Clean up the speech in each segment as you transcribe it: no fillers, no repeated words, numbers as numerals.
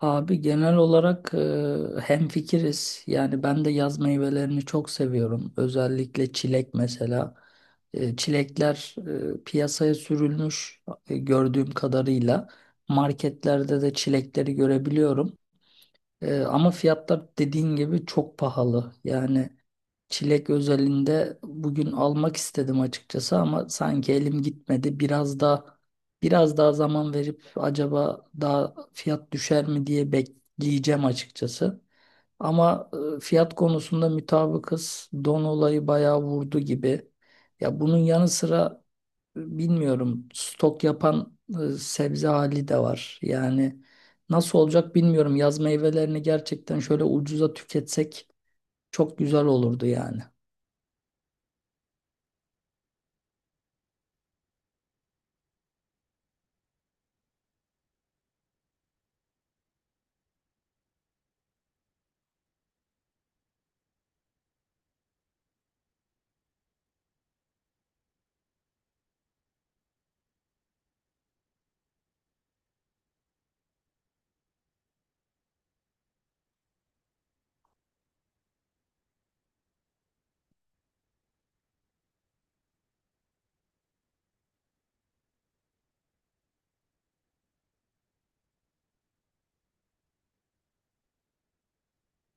Abi genel olarak hemfikiriz. Yani ben de yaz meyvelerini çok seviyorum. Özellikle çilek mesela. Çilekler piyasaya sürülmüş gördüğüm kadarıyla. Marketlerde de çilekleri görebiliyorum. Ama fiyatlar dediğin gibi çok pahalı. Yani çilek özelinde bugün almak istedim açıkçası ama sanki elim gitmedi. Biraz daha zaman verip acaba daha fiyat düşer mi diye bekleyeceğim açıkçası. Ama fiyat konusunda mutabıkız. Don olayı bayağı vurdu gibi. Ya bunun yanı sıra bilmiyorum, stok yapan sebze hali de var. Yani nasıl olacak bilmiyorum. Yaz meyvelerini gerçekten şöyle ucuza tüketsek çok güzel olurdu yani.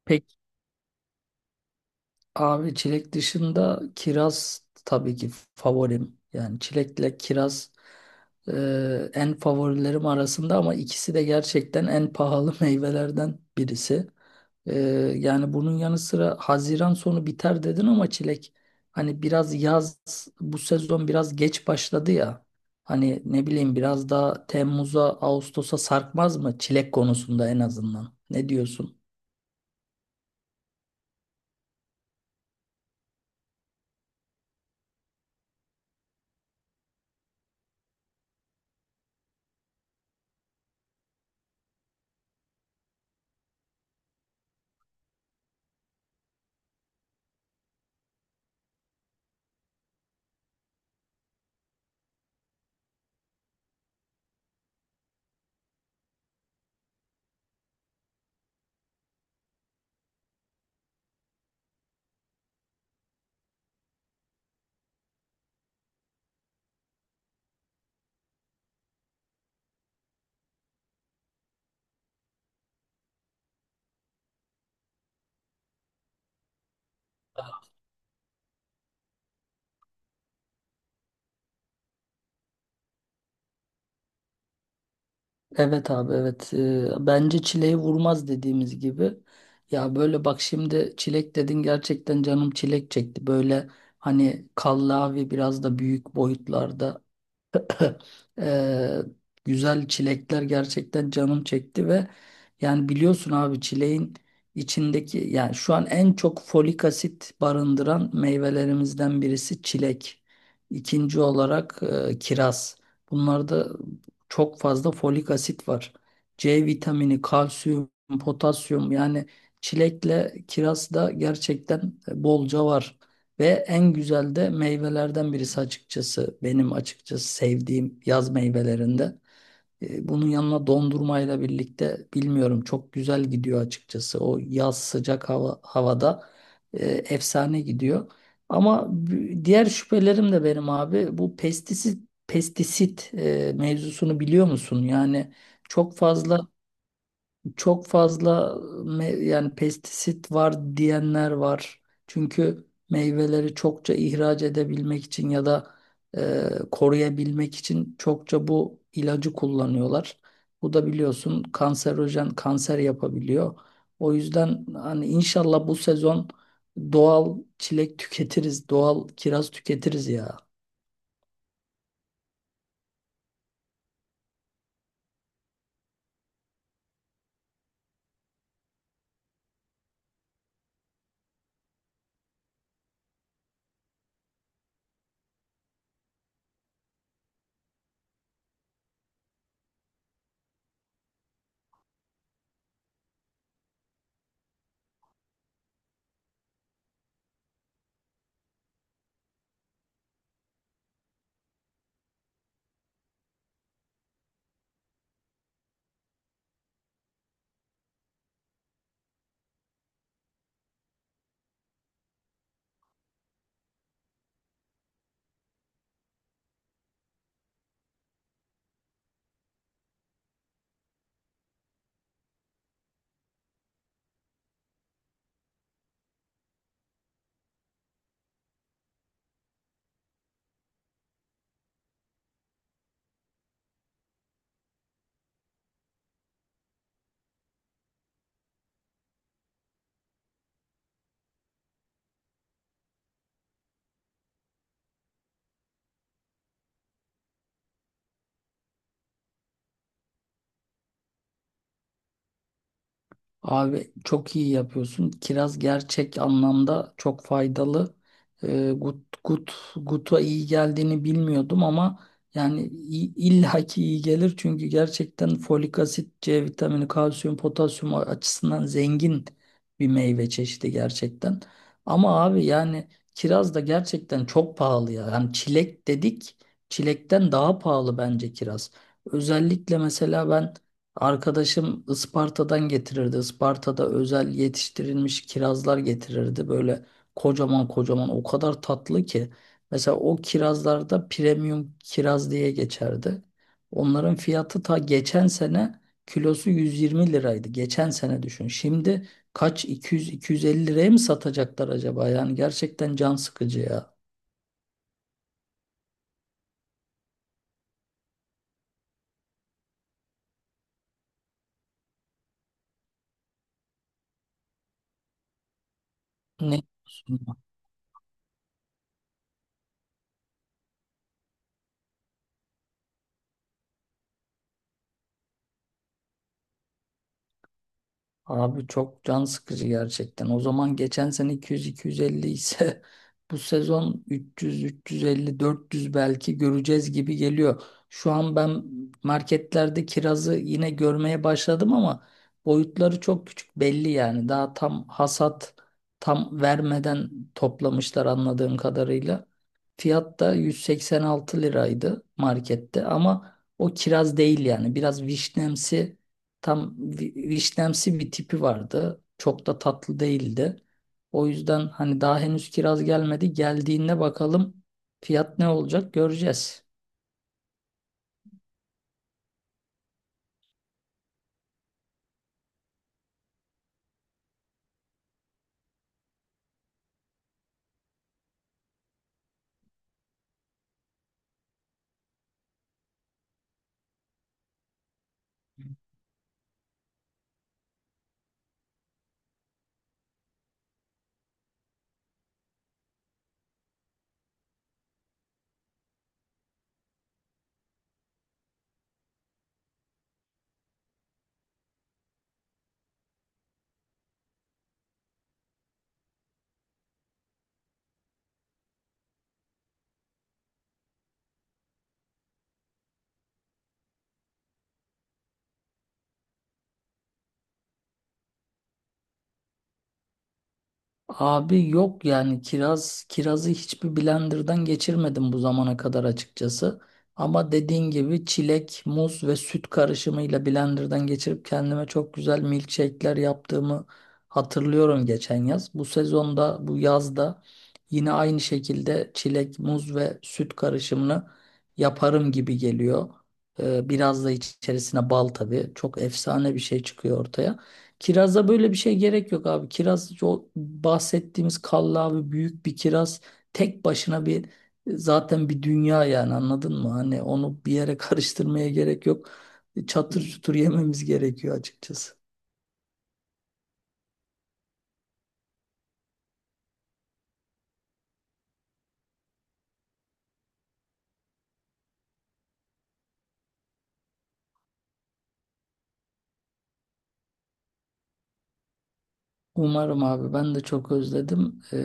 Peki. Abi çilek dışında kiraz tabii ki favorim. Yani çilekle kiraz en favorilerim arasında ama ikisi de gerçekten en pahalı meyvelerden birisi. E, Yani bunun yanı sıra Haziran sonu biter dedin ama çilek hani biraz yaz, bu sezon biraz geç başladı ya. Hani ne bileyim, biraz daha Temmuz'a Ağustos'a sarkmaz mı çilek konusunda en azından? Ne diyorsun? Evet abi, evet. Bence çileği vurmaz dediğimiz gibi. Ya böyle bak, şimdi çilek dedin, gerçekten canım çilek çekti böyle, hani kallavi, biraz da büyük boyutlarda, ee, güzel çilekler, gerçekten canım çekti. Ve yani biliyorsun abi, çileğin içindeki, yani şu an en çok folik asit barındıran meyvelerimizden birisi çilek. İkinci olarak kiraz. Bunlarda çok fazla folik asit var. C vitamini, kalsiyum, potasyum, yani çilekle kiraz da gerçekten bolca var. Ve en güzel de meyvelerden birisi açıkçası. Benim açıkçası sevdiğim yaz meyvelerinde. Bunun yanına dondurmayla birlikte, bilmiyorum, çok güzel gidiyor açıkçası. O yaz sıcak hava, havada efsane gidiyor. Ama diğer şüphelerim de benim abi, bu pestisit mevzusunu biliyor musun? Yani çok fazla çok fazla yani pestisit var diyenler var. Çünkü meyveleri çokça ihraç edebilmek için ya da koruyabilmek için çokça bu ilacı kullanıyorlar. Bu da biliyorsun kanserojen, kanser yapabiliyor. O yüzden hani inşallah bu sezon doğal çilek tüketiriz, doğal kiraz tüketiriz ya. Abi çok iyi yapıyorsun. Kiraz gerçek anlamda çok faydalı. Guta iyi geldiğini bilmiyordum ama yani illaki iyi gelir. Çünkü gerçekten folik asit, C vitamini, kalsiyum, potasyum açısından zengin bir meyve çeşidi gerçekten. Ama abi yani kiraz da gerçekten çok pahalı ya. Yani çilek dedik, çilekten daha pahalı bence kiraz. Özellikle mesela ben, arkadaşım Isparta'dan getirirdi. Isparta'da özel yetiştirilmiş kirazlar getirirdi. Böyle kocaman kocaman, o kadar tatlı ki. Mesela o kirazlarda premium kiraz diye geçerdi. Onların fiyatı ta geçen sene kilosu 120 liraydı. Geçen sene düşün. Şimdi kaç, 200-250 liraya mı satacaklar acaba? Yani gerçekten can sıkıcı ya. Ne? Abi çok can sıkıcı gerçekten. O zaman geçen sene 200-250 ise bu sezon 300-350-400 belki göreceğiz gibi geliyor. Şu an ben marketlerde kirazı yine görmeye başladım ama boyutları çok küçük, belli yani. Daha tam vermeden toplamışlar anladığım kadarıyla. Fiyat da 186 liraydı markette ama o kiraz değil yani. Biraz vişnemsi, tam vişnemsi bir tipi vardı. Çok da tatlı değildi. O yüzden hani daha henüz kiraz gelmedi. Geldiğinde bakalım fiyat ne olacak, göreceğiz. Abi yok yani kirazı hiçbir blenderdan geçirmedim bu zamana kadar açıkçası. Ama dediğin gibi çilek, muz ve süt karışımıyla blenderdan geçirip kendime çok güzel milkshake'ler yaptığımı hatırlıyorum geçen yaz. Bu sezonda, bu yazda yine aynı şekilde çilek, muz ve süt karışımını yaparım gibi geliyor. Biraz da içerisine bal tabii. Çok efsane bir şey çıkıyor ortaya. Kirazda böyle bir şey gerek yok abi. Kiraz, o bahsettiğimiz kallavi büyük bir kiraz tek başına zaten bir dünya yani, anladın mı? Hani onu bir yere karıştırmaya gerek yok. Çatır çutur yememiz gerekiyor açıkçası. Umarım abi, ben de çok özledim.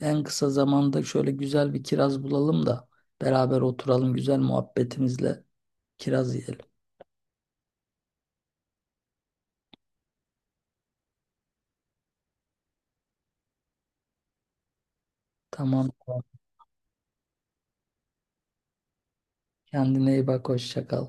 En kısa zamanda şöyle güzel bir kiraz bulalım da beraber oturalım, güzel muhabbetimizle kiraz yiyelim. Tamam, tamam. Kendine iyi bak, hoşça kal.